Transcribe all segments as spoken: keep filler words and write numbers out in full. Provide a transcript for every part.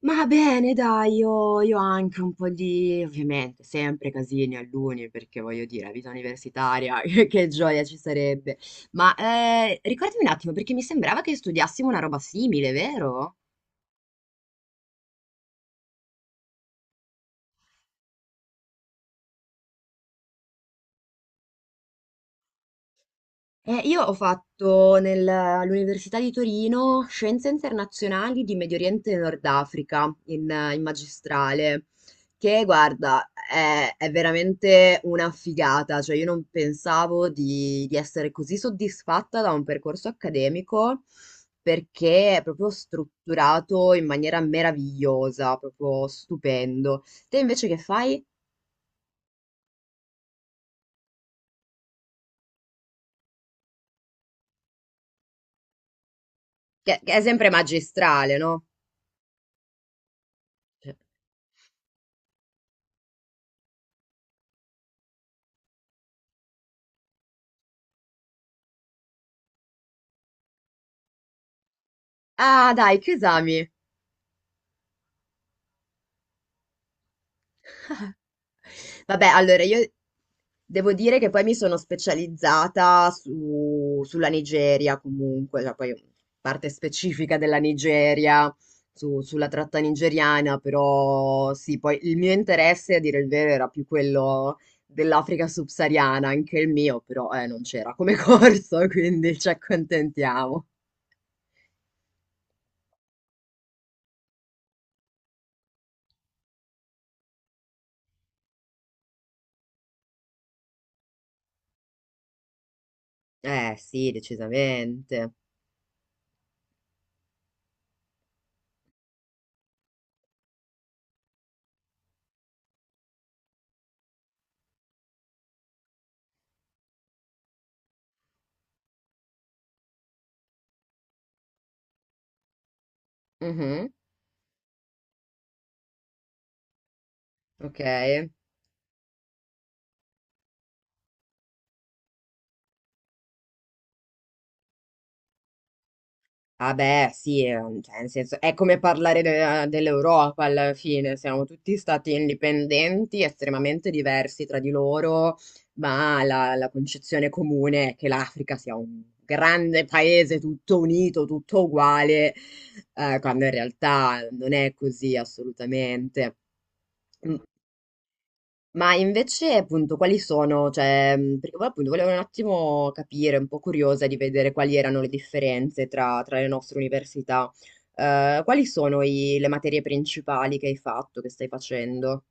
Ma bene, dai, io, io anche un po' di, ovviamente, sempre casini all'uni, perché voglio dire, la vita universitaria, che che gioia ci sarebbe. Ma eh, ricordami un attimo, perché mi sembrava che studiassimo una roba simile, vero? Eh, io ho fatto nel- all'Università di Torino Scienze Internazionali di Medio Oriente e Nord Africa in, in magistrale, che guarda, è, è veramente una figata, cioè io non pensavo di, di essere così soddisfatta da un percorso accademico perché è proprio strutturato in maniera meravigliosa, proprio stupendo. Te invece che fai? Che, che è sempre magistrale, no? Cioè, ah, dai, che esami? Vabbè, allora io devo dire che poi mi sono specializzata su- sulla Nigeria comunque, cioè poi parte specifica della Nigeria, su- sulla tratta nigeriana, però sì, poi il mio interesse, a dire il vero, era più quello dell'Africa subsahariana, anche il mio, però eh, non c'era come corso, quindi ci accontentiamo. Eh sì, decisamente. Mhm, ok. Vabbè, sì, eh, cioè, nel senso, è come parlare de- dell'Europa alla fine, siamo tutti stati indipendenti, estremamente diversi tra di loro, ma la, la concezione comune è che l'Africa sia un grande paese tutto unito, tutto uguale, eh, quando in realtà non è così assolutamente. Ma invece, appunto, quali sono, cioè, mh, perché poi, appunto volevo un attimo capire, un po' curiosa di vedere quali erano le differenze tra, tra le nostre università. Eh, quali sono i- le materie principali che hai fatto, che stai facendo?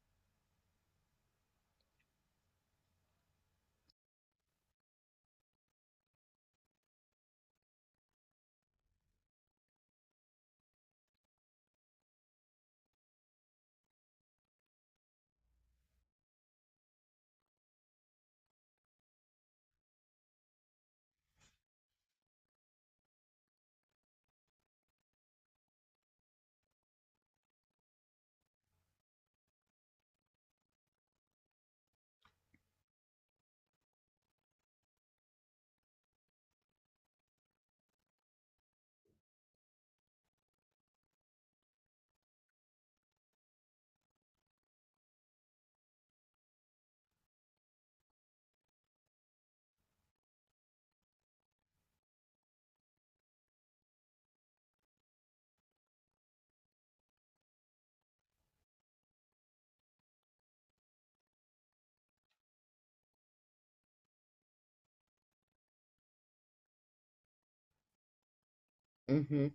Mh-mh.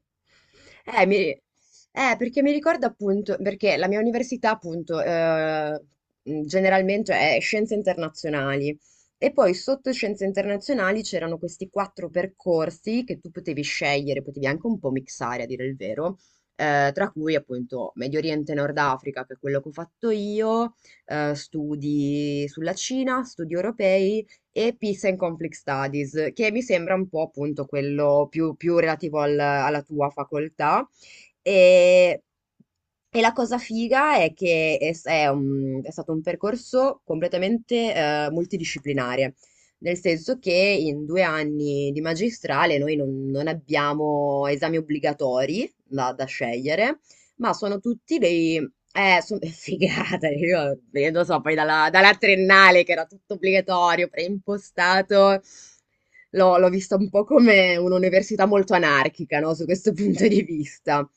Eh, mi eh, perché mi ricorda appunto perché la mia università appunto, ehm, mhmm, generalmente è scienze internazionali e poi sotto scienze internazionali c'erano questi quattro percorsi che tu potevi scegliere, potevi anche un po' mixare a dire il vero, ehm, tra cui appunto Medio Oriente e Nord Africa, che è quello che ho fatto io, ehm, studi sulla Cina, studi europei e Peace and Conflict Studies, che mi sembra un po' appunto quello più, più relativo al- alla tua facoltà. E, e la cosa figa è che è, è un- è stato un percorso completamente eh, multidisciplinare, nel senso che in due anni di magistrale noi non, non abbiamo esami obbligatori da da scegliere ma sono tutti dei eh, sono figata, io lo so, poi dalla, dalla triennale che era tutto obbligatorio, preimpostato l'ho l'ho vista un po' come un'università molto anarchica, no, su questo punto di vista.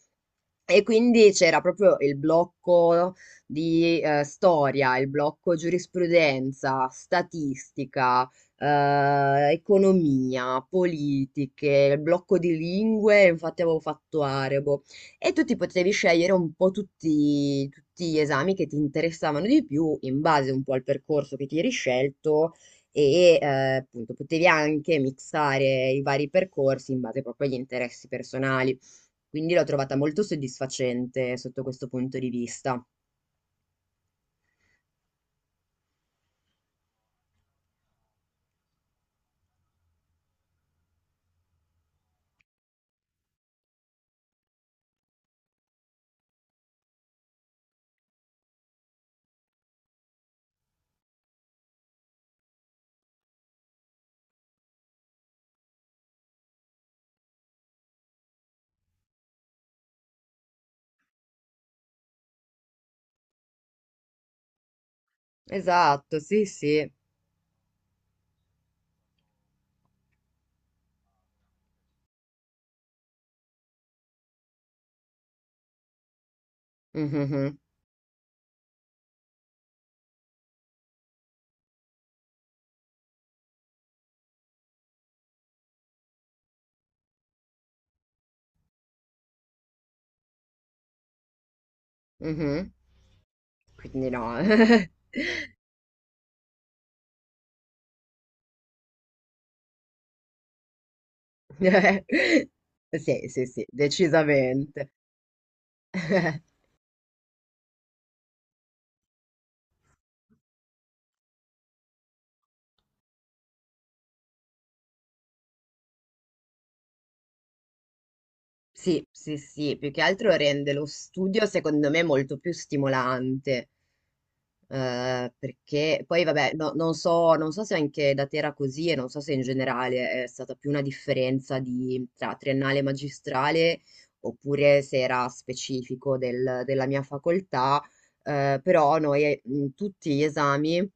E quindi c'era proprio il blocco di eh, storia, il blocco giurisprudenza, statistica, eh, economia, politiche, il blocco di lingue, infatti avevo fatto arabo. E tu ti potevi scegliere un po' tutti, tutti gli esami che ti interessavano di più in base un po' al percorso che ti eri scelto e eh, appunto potevi anche mixare i vari percorsi in base proprio agli interessi personali. Quindi l'ho trovata molto soddisfacente sotto questo punto di vista. Esatto, sì, sì. Mhm, mhm. Quindi no. Sì, sì, sì, decisamente. Sì, sì, sì, più che altro rende lo studio secondo me molto più stimolante. Eh, perché poi vabbè, no- non so, non so se anche da te era così e non so se in generale è stata più una differenza di, tra triennale e magistrale oppure se era specifico del- della mia facoltà, eh, però noi eh, in tutti gli esami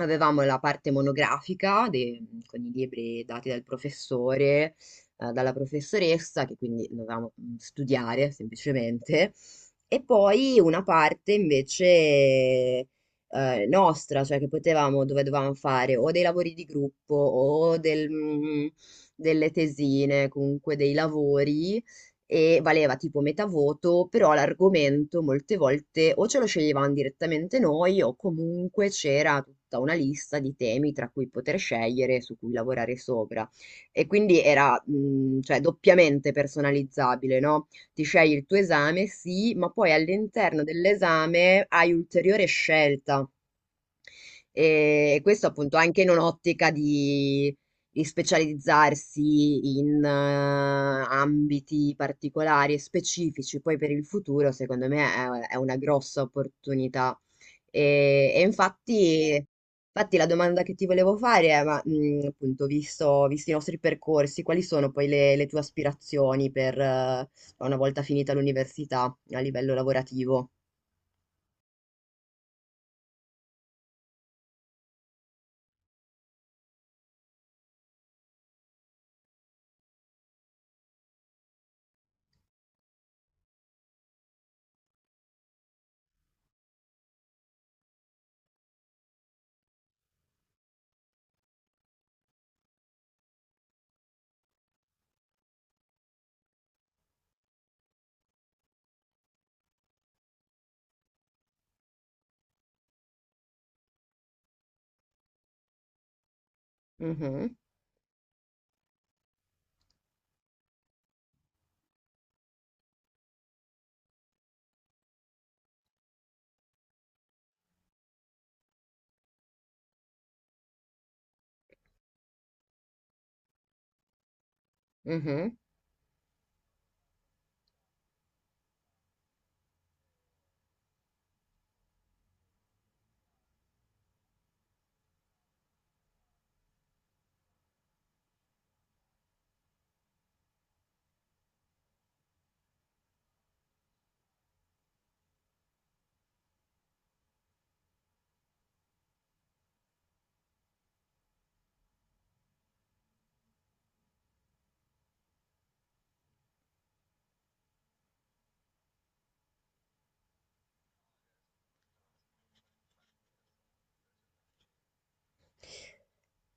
avevamo la parte monografica de- con i libri dati dal professore, eh, dalla professoressa, che quindi dovevamo mm, studiare semplicemente, e poi una parte invece eh, nostra, cioè che potevamo, dove dovevamo fare o dei lavori di gruppo o del, mm, delle tesine, comunque dei lavori e valeva tipo metà voto, però l'argomento molte volte o ce lo sceglievamo direttamente noi o comunque c'era tutta una lista di temi tra cui poter scegliere, su cui lavorare sopra. E quindi era, mh, cioè, doppiamente personalizzabile, no? Ti scegli il tuo esame, sì, ma poi all'interno dell'esame hai ulteriore scelta. E questo appunto anche in un'ottica di, di specializzarsi in eh, ambiti particolari e specifici, poi per il futuro, secondo me è, è una grossa opportunità. E, e infatti, infatti la domanda che ti volevo fare è, ma, mh, appunto, visto, visti i nostri percorsi, quali sono poi le, le tue aspirazioni per, eh, una volta finita l'università a livello lavorativo? Mhm, mhm.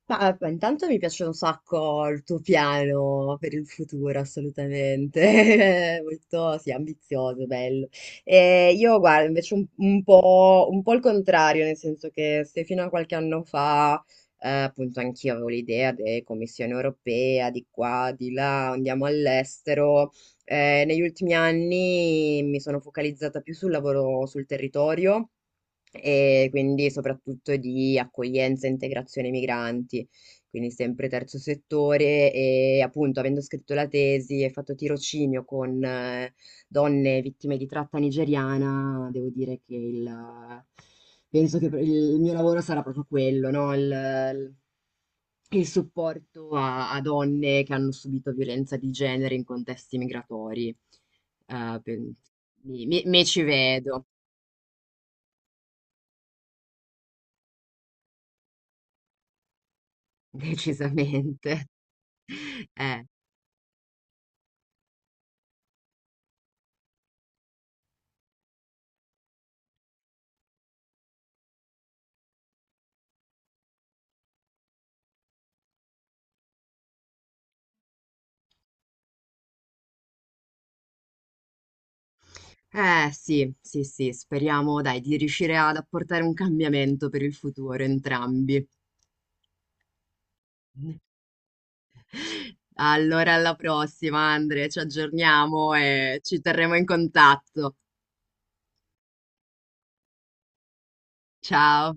Ma eh, beh, intanto mi piace un sacco il tuo piano per il futuro, assolutamente. Molto, sì, ambizioso, bello. E io guardo invece un, un po', un po' il contrario, nel senso che se fino a qualche anno fa, eh, appunto, anch'io avevo l'idea di Commissione europea, di qua, di là, andiamo all'estero. Eh, negli ultimi anni mi sono focalizzata più sul lavoro sul territorio e quindi soprattutto di accoglienza e integrazione migranti, quindi sempre terzo settore e appunto avendo scritto la tesi e fatto tirocinio con eh, donne vittime di tratta nigeriana, devo dire che il, penso che il mio lavoro sarà proprio quello, no? Il, il supporto a, a donne che hanno subito violenza di genere in contesti migratori. Eh, pen- mi mi- mi ci vedo, decisamente. Eh, eh, sì, sì, sì, speriamo, dai, di riuscire ad apportare un cambiamento per il futuro entrambi. Allora, alla prossima, Andre, ci aggiorniamo e ci terremo in contatto. Ciao.